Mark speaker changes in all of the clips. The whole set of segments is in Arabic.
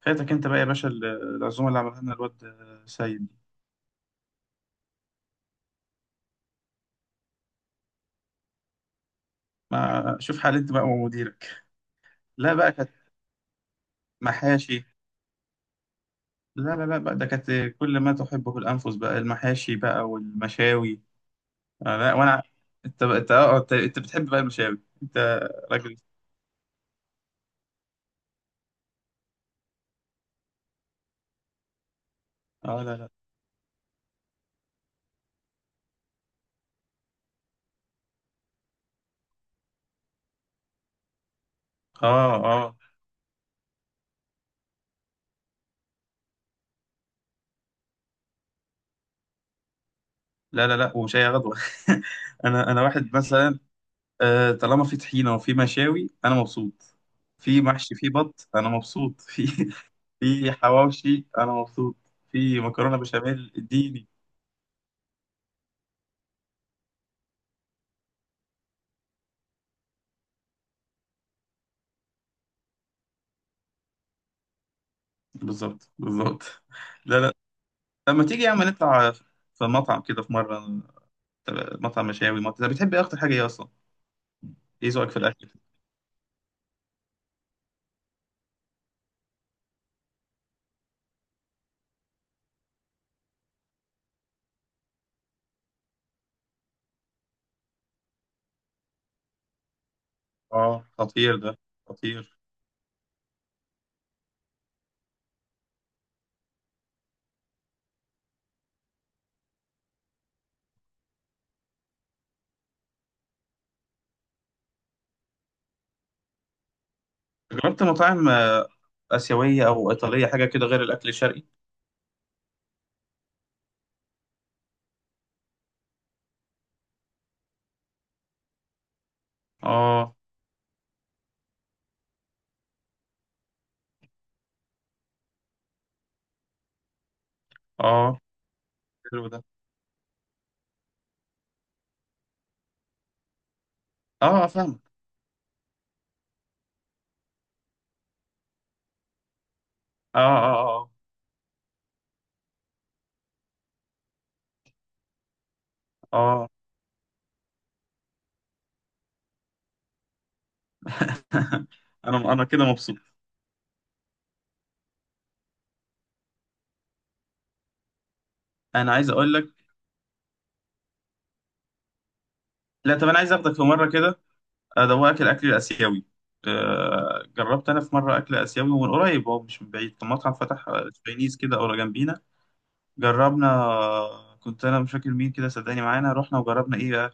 Speaker 1: فاتك انت بقى يا باشا العزومه اللي عملها لنا الواد سيد دي. ما شوف حال انت بقى ومديرك. لا بقى كانت محاشي. لا، لا، لا بقى، ده كانت كل ما تحبه الانفس بقى، المحاشي بقى والمشاوي. آه، لا وانا. انت بقى، انت بتحب بقى المشاوي انت. راجل. اه، لا، لا. اه، اه. لا، لا، لا، ومش اي غدوه. انا واحد مثلا. طالما في طحينه وفي مشاوي انا مبسوط. في محشي، في بط، انا مبسوط. في في حواوشي انا مبسوط. في مكرونه بشاميل، اديني. بالظبط، بالظبط. لا، لا. لما تيجي يا عم نطلع في مطعم كده، في مره. مطعم مشاوي، مطعم، انت بتحب ايه اكتر حاجه ايه اصلا؟ ايه ذوقك في الاكل؟ اه، خطير ده، خطير. جربت مطاعم اسيويه او ايطاليه، حاجه كده غير الاكل الشرقي؟ اه، اه. حلو ده. اه، فاهم. اه، اه، اه، اه. انا كده مبسوط. انا عايز اقول لك. لا، طب انا عايز اخدك في مره كده. ده هو اكل الاسيوي. جربت انا في مره اكل اسيوي، ومن قريب هو مش من بعيد كان مطعم فتح تشاينيز كده قريب جنبينا. جربنا، كنت انا مش فاكر مين كده، صدقني معانا رحنا وجربنا ايه بقى.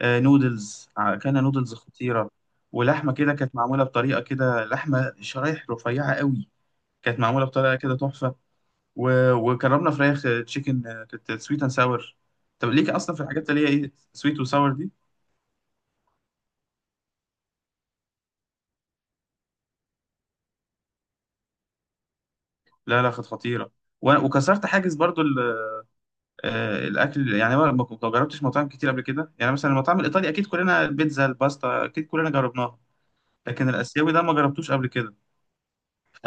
Speaker 1: نودلز، كان نودلز خطيره. ولحمه كده كانت معموله بطريقه كده، لحمه شرايح رفيعه قوي. كانت معموله بطريقه كده، تحفه. وجربنا فراخ، تشيكن، كانت سويت اند ساور. طب ليك اصلا في الحاجات اللي هي ايه سويت وساور دي؟ لا، لا، كانت خطيره. وكسرت حاجز برضو. الاكل يعني انا ما جربتش مطاعم كتير قبل كده، يعني مثلا المطاعم الايطالي اكيد كلنا البيتزا الباستا اكيد كلنا جربناها. لكن الاسيوي ده ما جربتوش قبل كده. ف-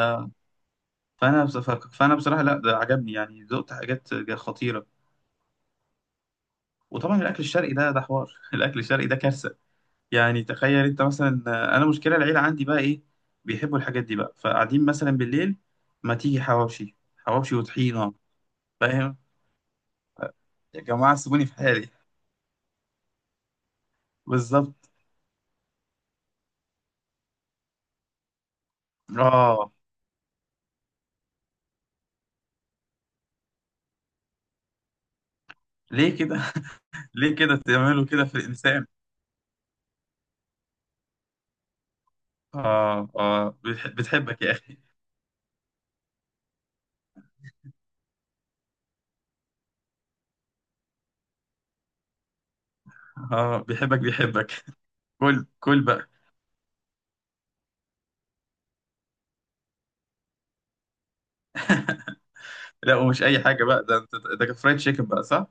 Speaker 1: فانا بصراحه، لا ده عجبني يعني، ذقت حاجات خطيره. وطبعا الاكل الشرقي ده حوار. الاكل الشرقي ده كارثه. يعني تخيل انت مثلا، انا مشكله العيله عندي بقى ايه؟ بيحبوا الحاجات دي بقى، فقاعدين مثلا بالليل، ما تيجي حواوشي حواوشي وطحينه. فاهم؟ يا جماعه سيبوني في حالي. بالظبط. اه. ليه كده، ليه كده تعملوا كده في الإنسان؟ بتحبك يا أخي. بيحبك بيحبك. كل كل بقى. لا، ومش أي حاجة بقى ده أنت. ده كان فرايد تشيكن بقى، صح؟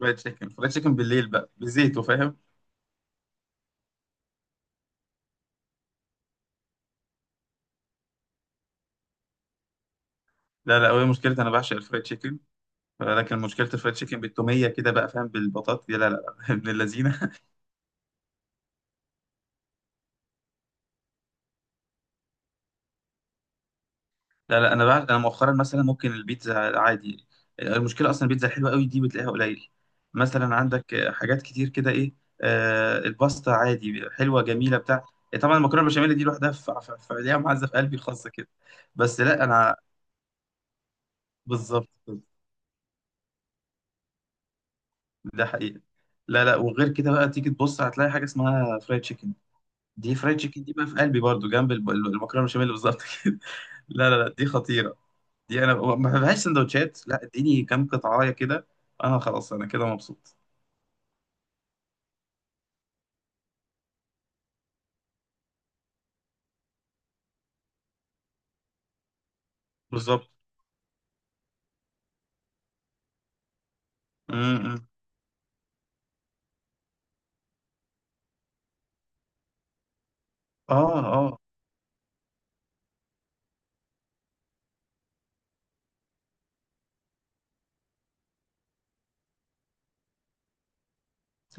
Speaker 1: فرايد تشيكن فرايد تشيكن بالليل بقى بزيته، فاهم؟ لا، لا، هو مشكلتي أنا بعشق الفرايد تشيكن. لكن مشكلة الفرايد تشيكن بالتومية كده بقى، فاهم؟ بالبطاطا، لا، لا، لا. ابن اللذينة. لا، لا، انا مؤخرا مثلا ممكن البيتزا عادي. المشكله اصلا البيتزا الحلوه قوي دي بتلاقيها قليل. مثلا عندك حاجات كتير كده ايه. الباستا عادي، حلوه جميله بتاع. طبعا المكرونه البشاميل دي لوحدها ليها معزه في قلبي خاصه كده. بس لا انا. بالظبط. ده حقيقه. لا، لا، وغير كده بقى تيجي تبص هتلاقي حاجه اسمها فرايد تشيكن. دي فرايد تشيكن دي بقى في قلبي برضو جنب المكرونه البشاميل بالظبط كده. لا، لا، لا، دي خطيره. دي انا ما بحبهاش سندوتشات، لا اديني كام قطعايه كده. انا خلاص، انا كده مبسوط. بالظبط. امم. اه، اه.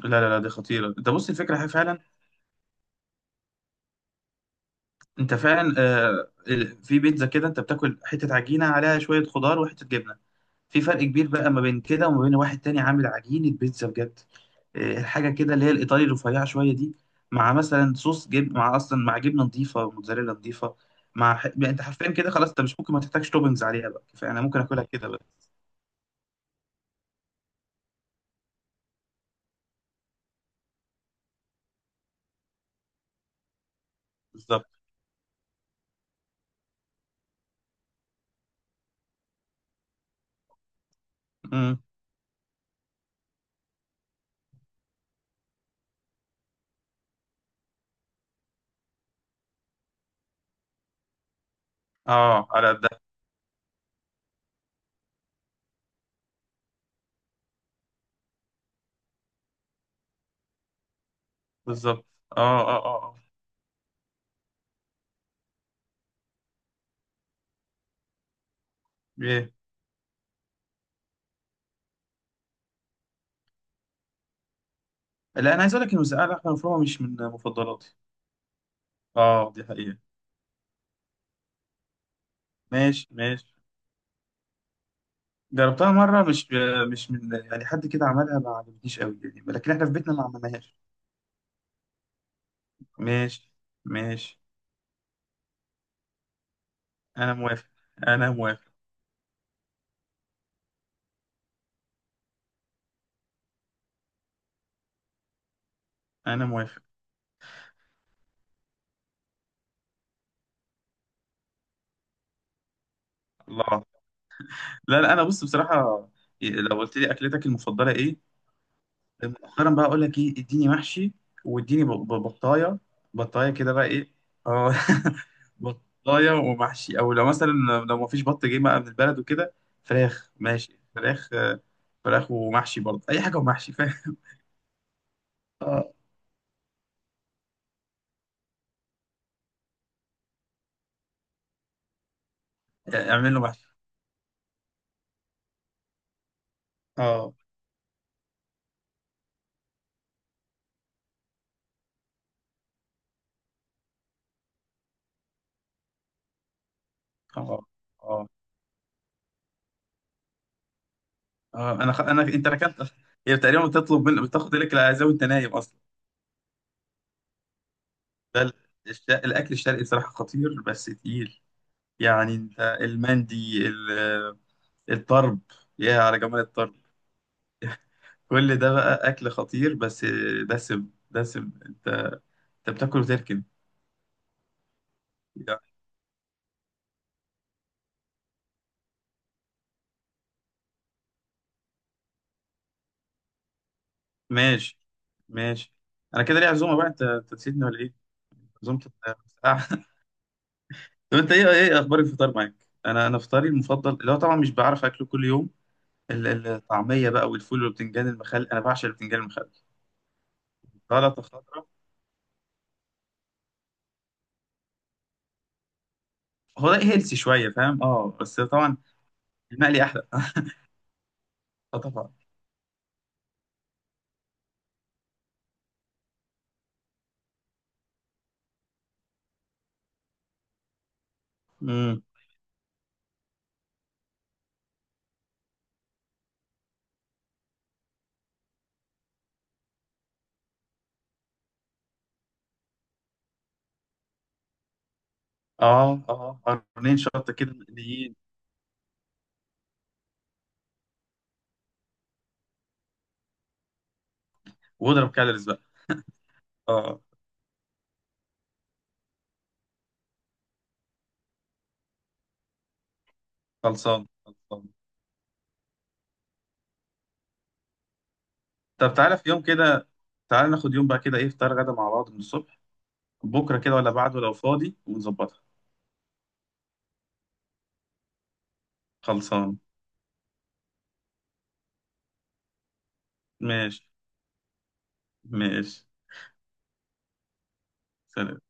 Speaker 1: لا، لا، لا، دي خطيره. ده بص الفكره هي فعلا. انت فعلا، في بيتزا كده انت بتاكل حته عجينه عليها شويه خضار وحته جبنه. في فرق كبير بقى ما بين كده وما بين واحد تاني عامل عجينه بيتزا بجد. الحاجه كده اللي هي الايطالي الرفيعه شويه دي. مع مثلا صوص جبن، مع اصلا مع جبنه نظيفه، موتزاريلا نظيفه. يعني انت حرفيا كده خلاص، انت مش ممكن ما تحتاجش توبنجز عليها بقى، فانا ممكن اكلها كده. بالظبط. امم. اه، على قد ده. بالظبط. اه، اه، اه، اه. ايه؟ لا، انا عايز اقول لك ان مسقعه لحمه مفرومه مش من مفضلاتي. اه، دي حقيقه. ماشي، ماشي. جربتها مره، مش من يعني حد كده عملها، ما عجبتنيش قوي يعني، لكن احنا في بيتنا ما عملناهاش. ماشي، ماشي. انا موافق، انا موافق. انا موافق. الله. لا، لا، انا بص بصراحه. إيه، لو قلت لي اكلتك المفضله ايه؟ مؤخرا بقى اقول لك ايه، اديني محشي. واديني بطايه. بطايه كده بقى ايه. اه. بطايه ومحشي، او لو مثلا لو ما فيش بط جه بقى من البلد وكده، فراخ ماشي، فراخ، فراخ ومحشي برضه، اي حاجه ومحشي، فاهم؟ اه. اعمل له محشي. اه، اه، اه، اه، انا انت ركنت. هي تقريبا بتطلب من، بتاخد لك العزاء وانت نايم اصلا. ده الاكل الشرقي بصراحه خطير بس تقيل. يعني انت المندي. الطرب. يا على جمال الطرب. كل ده بقى أكل خطير، بس. دسم دسم أنت. أنت بتاكل وتركن. يعني. ماشي، ماشي. أنا كده ليه عزومة بقى؟ أنت نسيتني ولا إيه؟ عزومة. الساعة. طب أنت إيه أخبار الفطار معاك؟ أنا فطاري المفضل اللي هو طبعا مش بعرف أكله كل يوم. الطعمية بقى والفول والبتنجان المخلل، أنا بعشق البتنجان المخلل. سلطة خضراء. هو ده هيلسي شوية، فاهم؟ أه بس طبعا. المقلي أحلى. أه طبعا. اه، اه. قرنين شطه كده مقليين. واضرب كالوريز بقى. اه، خلصان، خلصان. طب تعالى في يوم كده. تعالى ناخد يوم بقى كده، ايه، فطار غدا مع بعض من الصبح. بكره كده ولا بعده لو فاضي ونظبطها. خلصان. ماشي، ماشي. سلام.